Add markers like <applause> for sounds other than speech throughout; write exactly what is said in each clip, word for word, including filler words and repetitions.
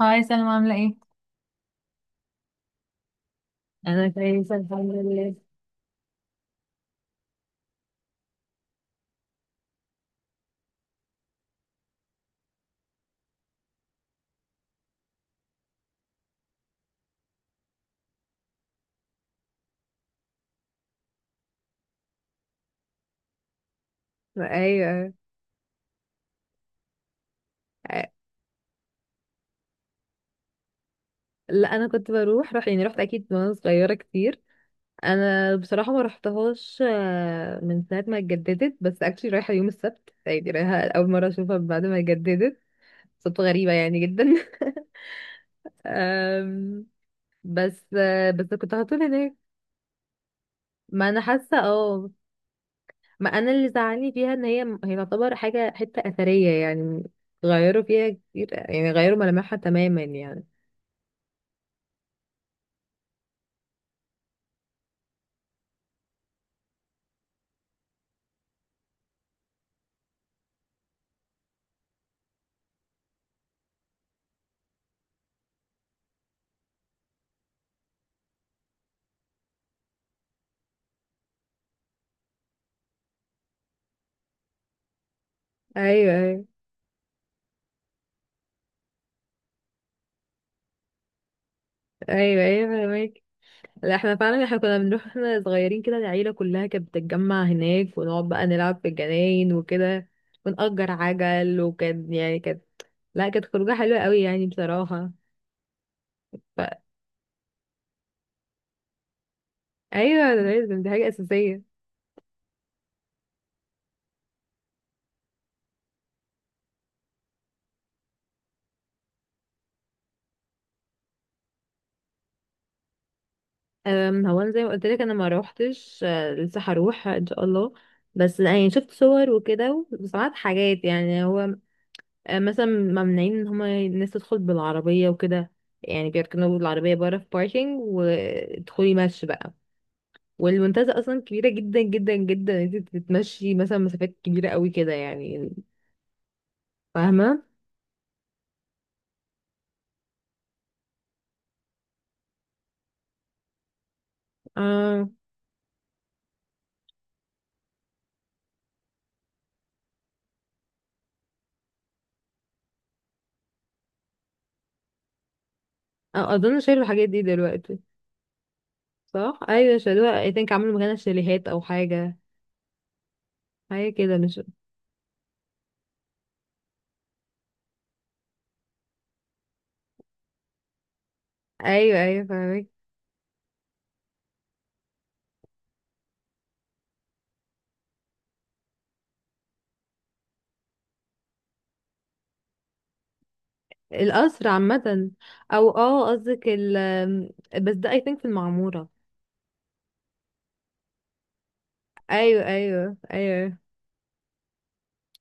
هاي سلمى، عاملة ايه؟ انا كويسه الحمد لله. ايوه. أ- لا انا كنت بروح روح يعني، رحت اكيد وانا صغيره كتير. انا بصراحه ما رحتهاش، آه، من ساعه ما اتجددت، بس اكشلي رايحه يوم السبت، يعني رايحه اول مره اشوفها بعد ما اتجددت. صدفه غريبه يعني جدا. <laughs> أم، بس آه، بس كنت على طول هناك. ما انا حاسه. اه. ما انا اللي زعلني فيها ان هي هي تعتبر حاجه حته اثريه يعني. غيروا فيها كتير، يعني غيروا ملامحها تماما يعني. ايوه، ايوه. ايوه ايوه، فاهمك. لا احنا فعلا، احنا كنا بنروح احنا صغيرين كده، العيله كلها كانت بتتجمع هناك ونقعد بقى نلعب في الجناين وكده، ونأجر عجل، وكانت يعني كانت، لا كانت خروجه حلوه قوي يعني بصراحه. ف... ايوه، ده لازم، دي حاجه اساسيه. أم، هو انا زي ما قلت لك، انا ما روحتش، آه، لسه هروح ان شاء الله. بس يعني شفت صور وكده، وسمعت حاجات يعني. هو آه، مثلا ممنوعين ان هما الناس تدخل بالعربية وكده، يعني بيركنوا العربية بره في باركينج وتدخلي مشي بقى. والمنتزه اصلا كبيرة جدا جدا جدا، انت بتتمشي مثلا مسافات كبيرة قوي كده يعني. فاهمة. اه، آه، اظن شايلوا الحاجات دي دلوقتي. صح، ايوه شالوها، اي ثينك عملوا مكانها شاليهات او حاجة، حاجة كده مش... ايوه ايوه فاهمك. القصر عامة، او اه قصدك ال... بس ده اي ثينك في المعمورة. ايوه ايوه ايوه.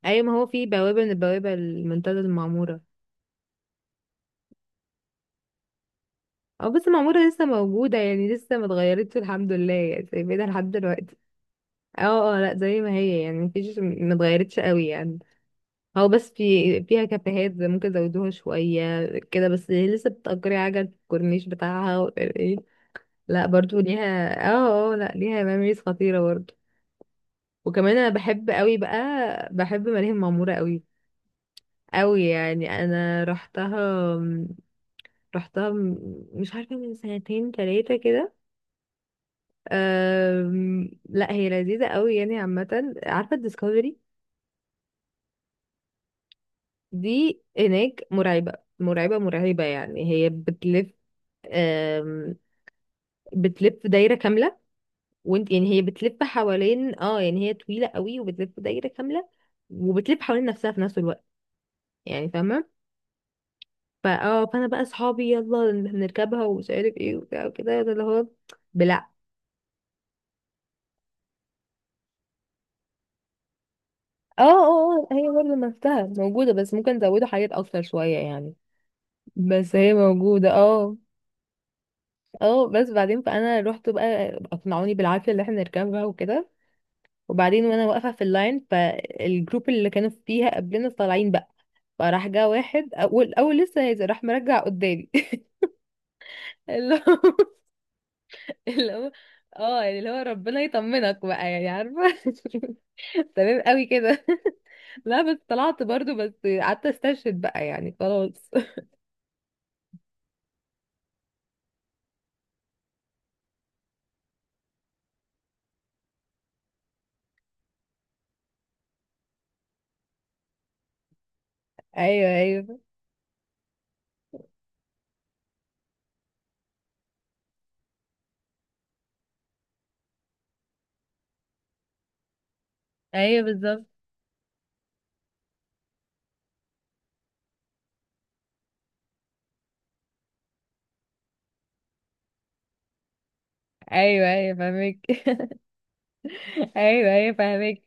ايوه ما هو في بوابة من البوابة المنتدى المعمورة. اه بس المعمورة لسه موجودة يعني، لسه ما اتغيرتش الحمد لله، يعني سايبينها لحد دلوقتي. اه اه، لا زي ما هي يعني، مفيش، ما اتغيرتش قوي يعني. هو بس في فيها كافيهات زي ممكن زودوها شوية كده، بس لسه بتأجري عجل في الكورنيش بتاعها و- ايه. لا برضو ليها، اه. اه آه، لا ليها ميموريز خطيرة برضو. وكمان انا بحب قوي بقى، بحب ملاهي المعمورة قوي قوي يعني. انا رحتها رحتها م- مش عارفة، من سنتين تلاتة كده. أم... لا هي لذيذة قوي يعني. عامة عارفة الديسكفري دي هناك مرعبة، مرعبة مرعبة يعني. هي بتلف، أم... بتلف دايرة كاملة. وانت، يعني هي بتلف حوالين، اه يعني هي طويلة قوي وبتلف دايرة كاملة، وبتلف حوالين نفسها في نفس الوقت. يعني فاهمة. فا اه فانا بقى صحابي، يلا نركبها ومش عارف ايه وبتاع وكده، ده اللي هو... اه اه، آه، هي برضه نفسها موجودة، بس ممكن نزوده حاجات أكتر شوية يعني. بس هي موجودة اه. اه بس بعدين، فأنا رحت بقى، أقنعوني بالعافية اللي احنا نركبها وكده، وبعدين وأنا واقفة في اللاين، فالجروب اللي كانوا فيها قبلنا طالعين بقى، فراح جه واحد أول أول لسه نازل راح مرجع قدامي. <laughs> اللي هو اللي هو اه يعني اللي هو ربنا يطمنك بقى، يعني عارفة. <laughs> تمام قوي كده. <laughs> لا بس طلعت برضو، بس قعدت استشهد بقى يعني خلاص. ايوه ايوه ايوه بالظبط. ايوه ايوه فاهمك. <laughs> ايوه ايوه فاهمك.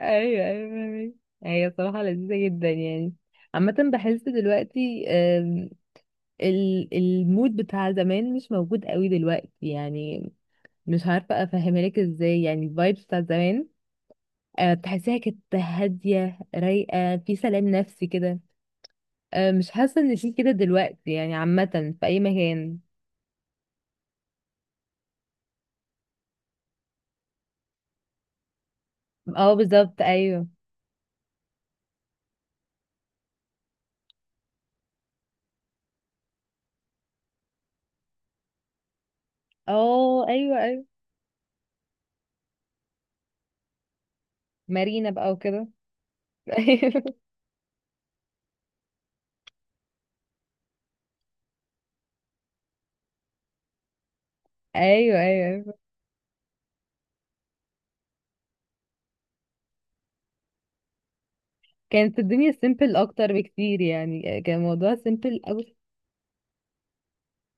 ايوه ايوه فاهمك. هي صراحه لذيذه جدا يعني. عامه بحس دلوقتي، آم، ال- المود بتاع زمان مش موجود قوي دلوقتي يعني. مش عارفه افهمها لك ازاي يعني، الفايبس بتاع زمان، آه، بتحسيها كانت هاديه رايقه في سلام نفسي كده. آه، مش حاسه ان في كده دلوقتي، يعني عامه في اي مكان. اه بالظبط ايوه. اه ايوه ايوه. مارينا بقى وكده. <laughs> ايوه ايوه ايوه. كانت الدنيا سيمبل اكتر بكتير يعني، كان الموضوع سيمبل قوي.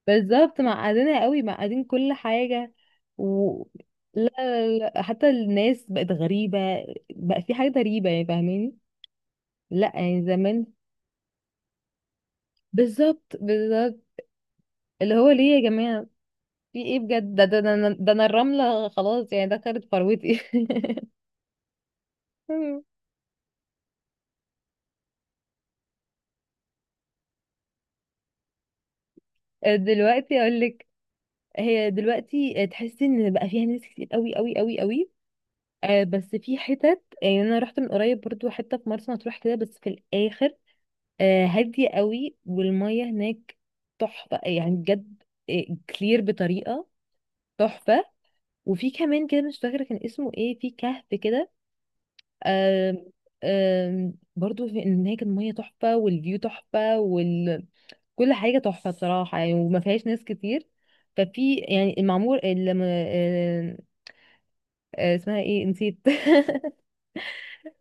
بالظبط معقدينها قوي، معقدين كل حاجه. و... لا، لا لا، حتى الناس بقت غريبه، بقى في حاجه غريبه يعني، فاهماني. لا يعني زمان. بالظبط بالظبط. اللي هو ليه يا جماعه؟ في ايه بجد؟ ده ده, ده, ده انا الرمله خلاص يعني، دخلت فروتي. <laughs> دلوقتي اقول لك، هي دلوقتي تحسي ان بقى فيها ناس كتير قوي قوي قوي قوي. آه، بس في حتت، يعني انا رحت من قريب برضو حته في مرسى مطروح كده، بس في الاخر. آه هاديه قوي، والميه هناك تحفه يعني بجد. آه، كلير بطريقه تحفه. وفي كمان كده مش فاكره كان اسمه ايه، في كهف كده. آه آه برضو في هناك الميه تحفه والفيو تحفه وال... كل حاجه تحفه بصراحه يعني، وما فيهاش ناس كتير. ففي يعني المعمور اللي اسمها ايه، نسيت. <laughs>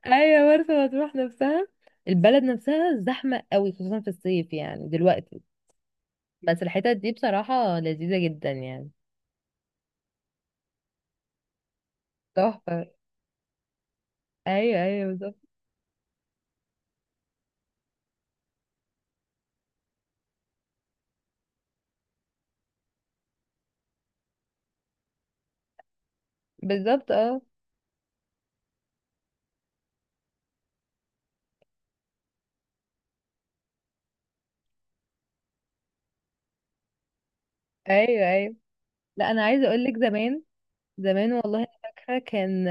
ايوه، مرسى مطروح نفسها، البلد نفسها زحمة قوي خصوصا في الصيف يعني دلوقتي. بس الحتت دي بصراحة لذيذة جدا يعني. تحفة. ايوه ايوه بالظبط. بالظبط. اه ايوه ايوه. لا انا عايزة اقول لك، زمان زمان والله انا فاكرة، كان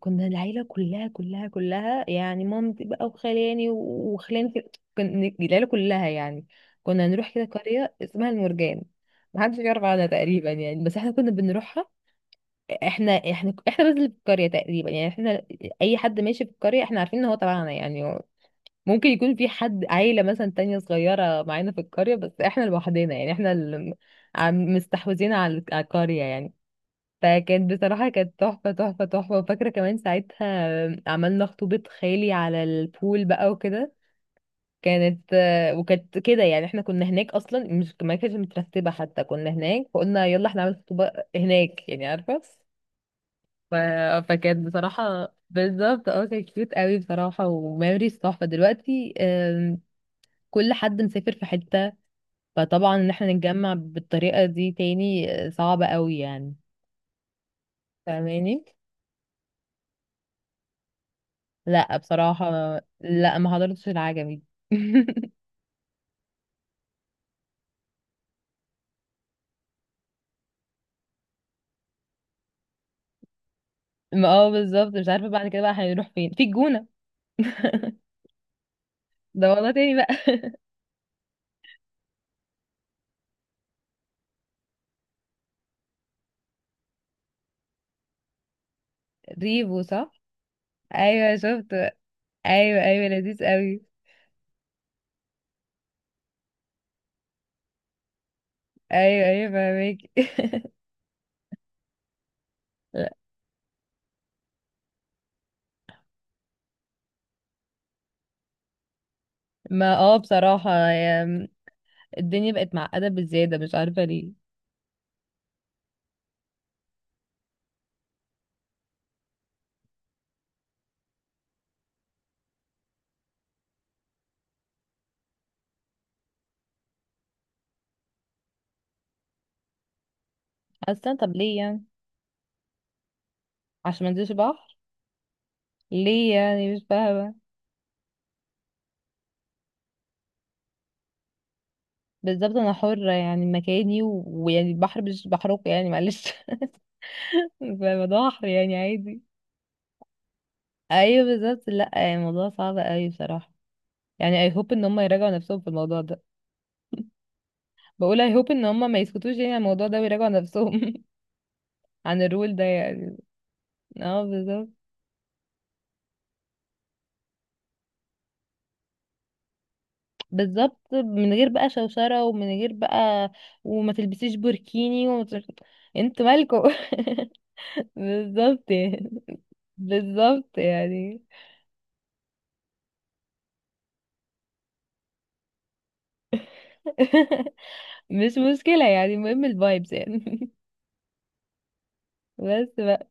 كنا العيلة كلها كلها كلها يعني، مامتي بقى وخلاني وخلاني في... كن... العيلة كلها يعني، كنا نروح كده قرية اسمها المرجان، محدش يعرف عنها تقريبا يعني بس احنا كنا بنروحها. احنا احنا احنا بس اللي في القرية تقريبا يعني. احنا، اي حد ماشي في القرية احنا عارفين ان هو تبعنا يعني. هو ممكن يكون في حد عيلة مثلا تانية صغيرة معانا في القرية، بس احنا لوحدنا يعني، احنا اللي عم- مستحوذين على على القرية يعني. فكانت بصراحة كانت تحفة تحفة تحفة. وفاكرة كمان ساعتها عملنا خطوبة خالي على البول بقى وكده. كانت، وكانت كده يعني، احنا كنا هناك اصلا، مش، ما كانتش مترتبة حتى، كنا هناك فقلنا يلا احنا نعمل خطوبة هناك يعني عارفة. ف... فكانت بصراحة بالظبط، اه كانت كيوت قوي بصراحة، وميموريز تحفة. دلوقتي آم، كل حد مسافر في حتة، فطبعا ان احنا نتجمع بالطريقة دي تاني آه، صعبة قوي يعني، فاهماني. لا بصراحة، لا ما حضرتش العجمي. <laughs> ما اه بالظبط، مش عارفة بعد كده بقى هنروح فين، في الجونة ده والله تاني بقى. <laughs> ريفو، صح. ايوه شفت. ايوه ايوه لذيذ قوي. ايوه ايوه فاهمك. <laughs> ما اه بصراحة، الدنيا بقت معقدة بزيادة، مش عارفة ليه. أصلا طب ليه يعني؟ عشان ما انزلش بحر؟ ليه يعني؟ مش فاهمة. بالظبط، أنا حرة يعني مكاني و- ويعني البحر مش بحركه يعني، معلش. <laughs> فالموضوع بحر يعني عادي. أيوه بالظبط. لأ يعني الموضوع صعب أوي بصراحة. يعني I hope إن هم يراجعوا نفسهم في الموضوع ده. بقول I hope إن هم ما يسكتوش يعني عن الموضوع ده، ويراجعوا نفسهم. <laughs> عن الرول ده يعني. اه بالظبط بالظبط، من غير بقى شوشرة، ومن غير بقى، وما تلبسيش بوركيني وما تلبسيش... انتوا مالكوا؟ <laughs> بالظبط يعني، بالظبط يعني. <laughs> مش مشكلة يعني، المهم الفايبس يعني. <laughs> بس بقى.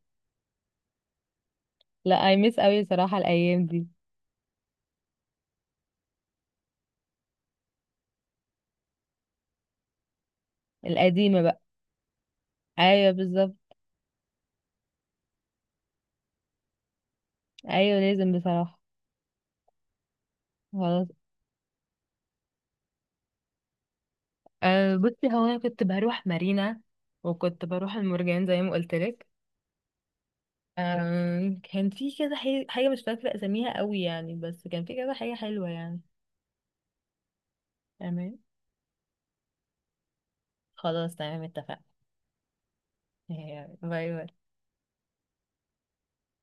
لا اي ميس قوي صراحة الايام دي. القديمة بقى. ايوه بالظبط. ايوه لازم بصراحة. خلاص. أه بصي، هو انا كنت بروح مارينا، وكنت بروح المرجان زي ما قلت لك، آم، كان في كذا حي- حاجة مش فاكرة أساميها قوي يعني، بس كان في كذا حاجة حلوة يعني. تمام. خلاص تمام اتفقنا. <laughs> باي باي.